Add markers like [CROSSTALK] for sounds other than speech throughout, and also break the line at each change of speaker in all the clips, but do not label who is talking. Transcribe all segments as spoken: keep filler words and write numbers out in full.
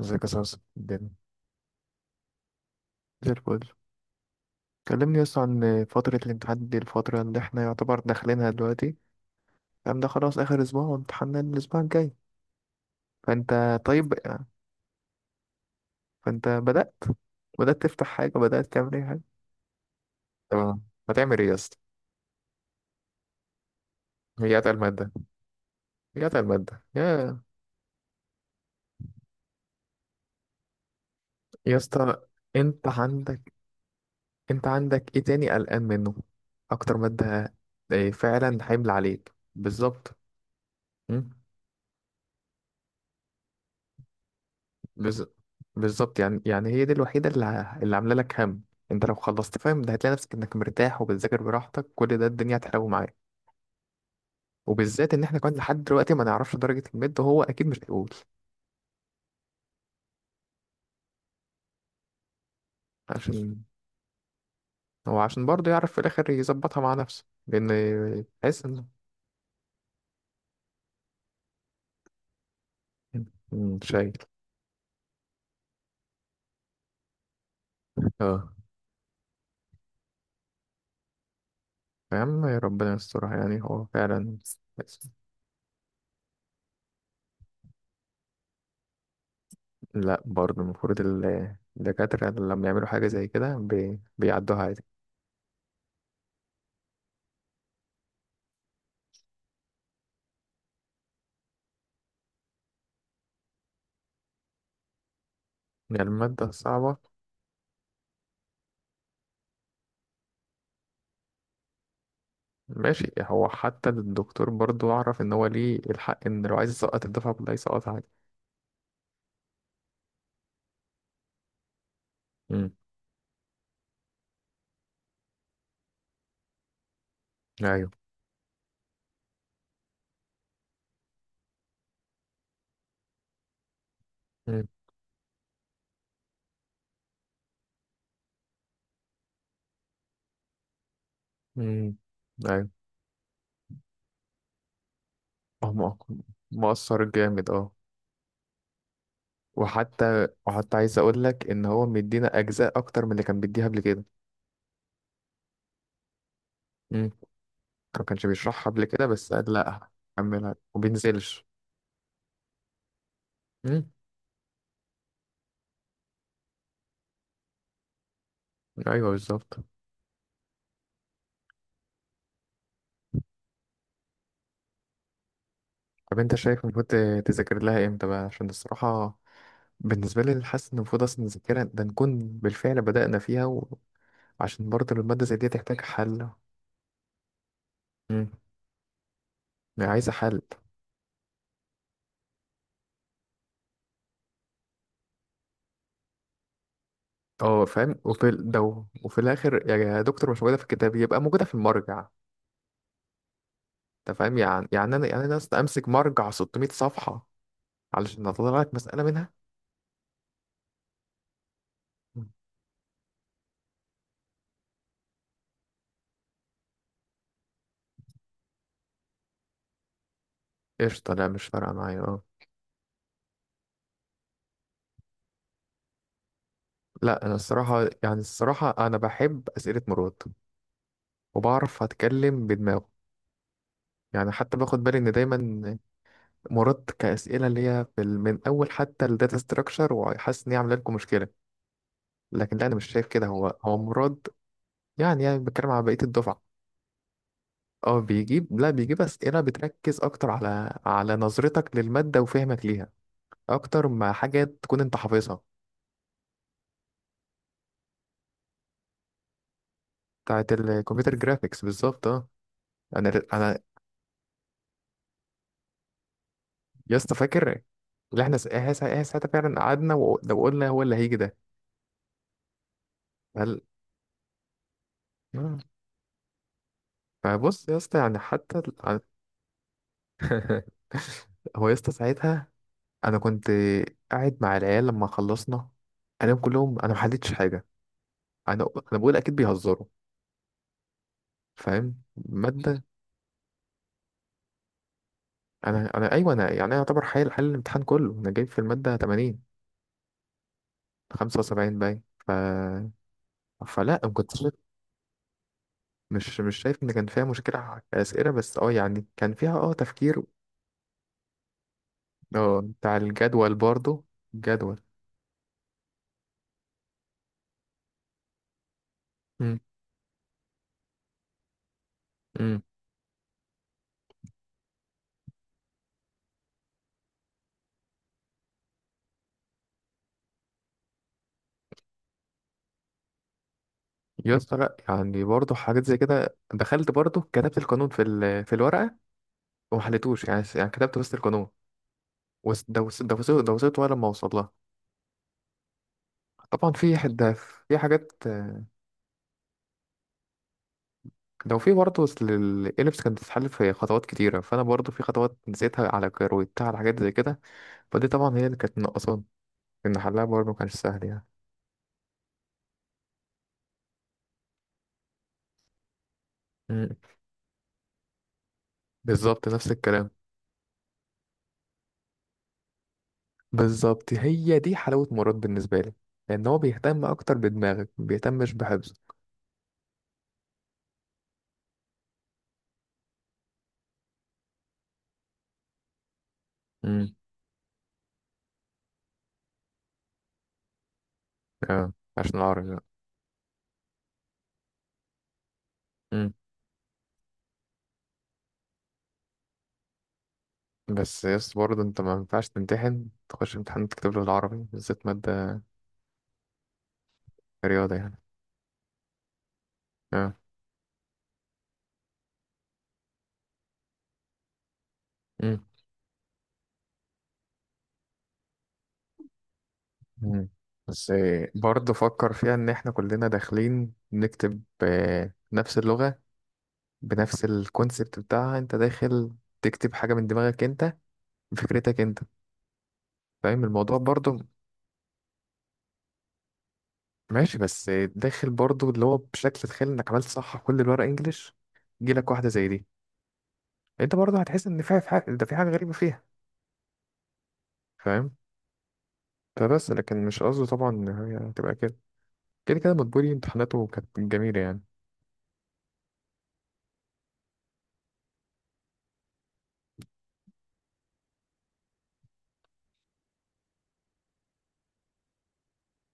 ازيك يا صاصا الدنيا؟ زي الفل. كلمني يس عن فترة الامتحان دي، الفترة اللي احنا يعتبر داخلينها دلوقتي. الكلام ده خلاص آخر أسبوع وامتحاننا الأسبوع الجاي. فأنت طيب؟ فأنت بدأت بدأت تفتح حاجة، بدأت تعمل أي حاجة؟ تمام. هتعمل إيه يا اسطى؟ هي أتقل مادة. هي أتقل مادة يا يا اسطى أنت عندك أنت عندك إيه تاني قلقان منه؟ أكتر مادة إيه فعلا حمل عليك بالظبط؟ م? بز... بالظبط. يعني يعني هي دي الوحيدة اللي, ع- اللي عاملة لك هم. انت لو خلصت فاهم ده هتلاقي نفسك انك مرتاح وبتذاكر براحتك، كل ده الدنيا هتحلو معاك. وبالذات ان احنا كمان لحد دلوقتي ما نعرفش درجة الميد، وهو اكيد مش هيقول. عشان هو عشان برضه يعرف في الاخر يظبطها مع نفسه، لان تحس انه مم، شايل. اه، يا عم ربنا يسترها. يعني هو فعلا، لا برضه المفروض ال- الدكاترة لما يعملوا حاجة زي كده بي... بيعدوها عادي يعني المادة صعبة. ماشي، هو حتى الدكتور برضو أعرف إن هو ليه الحق إن لو عايز يسقط الدفعة كلها يسقطها عادي. امم. ايوه. مم. مم. أيوة. هو مؤ- مؤثر جامد، اه. وحتى وحتى عايز أقول لك إن هو مدينا أجزاء أكتر من اللي كان بيديها قبل كده. امم. ما كانش بيشرحها قبل كده بس قال لأ هكملها وبينزلش. امم. أيوه، بالظبط. طب أنت شايف المفروض ت- تذاكر لها إمتى بقى؟ عشان الصراحة بالنسبة لي حاسس إن المفروض أصلا نذاكرها، ده نكون بالفعل بدأنا فيها، عشان برضه المادة زي دي تحتاج حل. مم. يعني عايزة حل. اه، فاهم. وفي ال- ده وفي الآخر يا دكتور مش موجودة في الكتاب يبقى موجودة في المرجع. أنت فاهم؟ يعني يعني أنا يعني أنا أصلا أمسك مرجع ستمية صفحة علشان أطلع لك مسألة منها. مم. قشطة، لا مش فارقة معايا، اه. لا أنا الصراحة، يعني الصراحة أنا بحب أسئلة مراد وبعرف أتكلم بدماغه. يعني حتى باخد بالي إن دايما مراد كأسئلة اللي هي في ال- من أول حتى الداتا ستراكشر، وحاسس إن هي عاملة لكم مشكلة، لكن لا انا مش شايف كده. هو هو مراد. يعني يعني بتكلم على بقيه الدفعه. اه، بيجيب لا بيجيب اسئله بتركز اكتر على على نظرتك للماده وفهمك ليها، اكتر ما حاجه تكون انت حافظها. بتاعت الكمبيوتر جرافيكس بالظبط، اه. انا انا يا اسطى فاكر اللي احنا س- إيه سا- إيه إيه، ساعتها فعلا قعدنا وق- وقلنا هو اللي هيجي ده؟ هل آه. فبص يا اسطى، يعني حتى ال- [LAUGHS] هو يا اسطى ساعتها انا كنت قاعد مع العيال لما خلصنا، انا كلهم انا ما حلتش حاجه، انا انا بقول اكيد بيهزروا، فاهم ماده. انا انا ايوه انا يعني انا يعتبر حل حل الامتحان كله. انا جايب في الماده تمانين، خمسة وسبعين باين. ف فلا ما كنتش مش مش شايف ان كان فيها مشكله اسئله، بس اه يعني كان فيها اه تفكير. اه، بتاع الجدول برضو، الجدول. امم. امم. يا اسطى لا، يعني برضو حاجات زي كده، دخلت برضو كتبت القانون في ال... في الورقه وما حليتوش، يعني يعني كتبت بس القانون، وس- دوست دوست دوست ولا ما اوصل لها. طبعا في حد، في حاجات، لو في برضه. أصل الإليبس كانت بتتحل في خطوات كتيرة، فأنا برضه في خطوات نسيتها على كروتها، على حاجات زي كده. فدي طبعا هي اللي كانت ناقصاني، إن حلها برضه مكانش سهل يعني. مم. بالظبط، نفس الكلام. بالظبط هي دي حلاوة مراد بالنسبة لي، لأن هو بيهتم أكتر بدماغك، مبيهتمش بحفظه. امم. اه، عشان العربي بقى. امم. بس يس برضه أنت ما ينفعش تمتحن، تخش امتحان تكتب له العربي، بالذات مادة رياضة يعني. اه. مم. مم. بس آه، برضه فكر فيها ان احنا كلنا داخلين نكتب آه، نفس اللغة بنفس الكونسبت بتاعها. انت داخل تكتب حاجة من دماغك انت، بفكرتك انت. فاهم الموضوع برضه؟ ماشي بس آه، داخل برضه اللي هو بشكل، تخيل انك عملت صح كل الورق انجليش، جيلك واحدة زي دي، انت برضه هتحس ان في في حاجة، ده في حاجة غريبة فيها، فاهم؟ فبس لكن مش قصده طبعا ان هي هتبقى كده. كده كده مدبولي امتحاناته كانت جميلة يعني.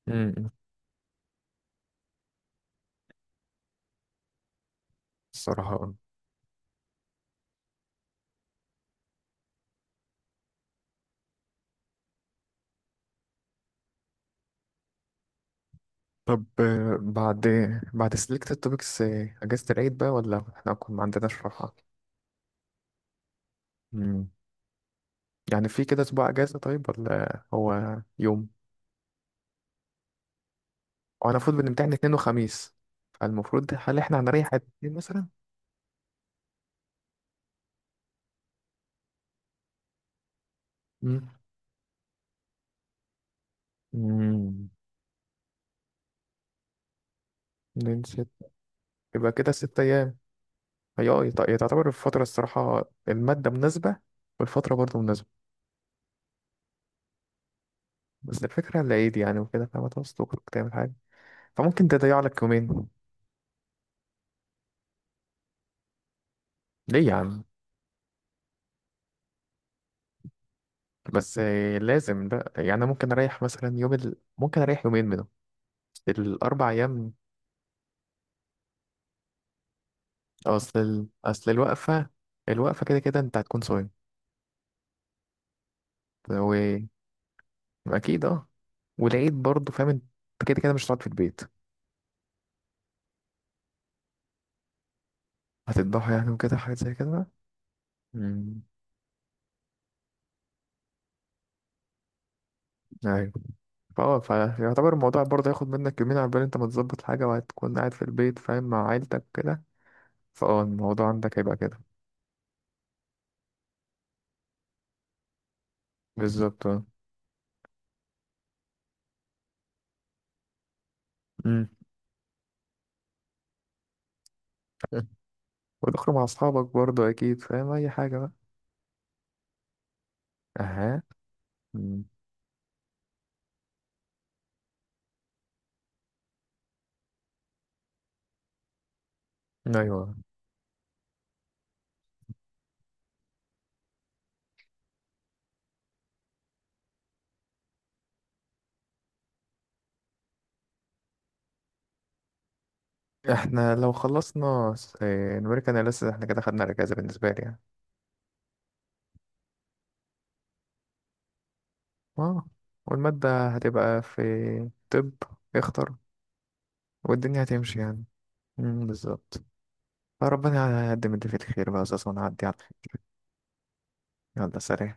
امم. الصراحة آه. طب آه، بعد، بعد سلكت توبكس، اجازه العيد بقى ولا احنا اكون ما عندناش راحه؟ مم. يعني في كده اسبوع اجازه طيب ولا هو يوم؟ هو انا المفروض بنمتحن اتنين وخميس، فالمفروض هل احنا هنريح قد ايه مثلا؟ مم. مم. اتنين، ست. يبقى كده ست ايام. هي اه يت- هي تعتبر الفتره، الصراحه الماده مناسبه والفتره برضه مناسبه. بس الفكره العيد يعني وكده، فما توصل تعمل حاجه، فممكن تضيع لك يومين. ليه يا عم؟ بس آه، لازم بقى. يعني انا ممكن اريح مثلا يوم ال... ممكن اريح يومين منهم الاربع ايام. اصل ال... اصل الوقفه، الوقفه كده كده انت هتكون صايم. و... اكيد اه. والعيد برضه فاهم انت، كده كده مش هتقعد في البيت. هتذبحه يعني وكده، حاجات زي كده بقى. امم. ايوه. فهو فيعتبر الموضوع برضه هياخد منك يومين عقبال انت ما تظبط حاجه، وهتكون قاعد في البيت فاهم مع عيلتك كده. فاه الموضوع عندك هيبقى كده. بالظبط اه. امم. [LAUGHS] وتخرج مع اصحابك برضه اكيد فاهم اي حاجه بقى. اها. مم. ايوه. احنا لو خلصنا س- آه، نوريك انا لسه، احنا كده خدنا الاجازه بالنسبه لي يعني. اه. والماده هتبقى في، طب، اختر، والدنيا هتمشي يعني. مم، بالظبط. فربنا يقدم اللي فيه الخير بقى يا استاذ ونعدي على الخير. يلا سلام.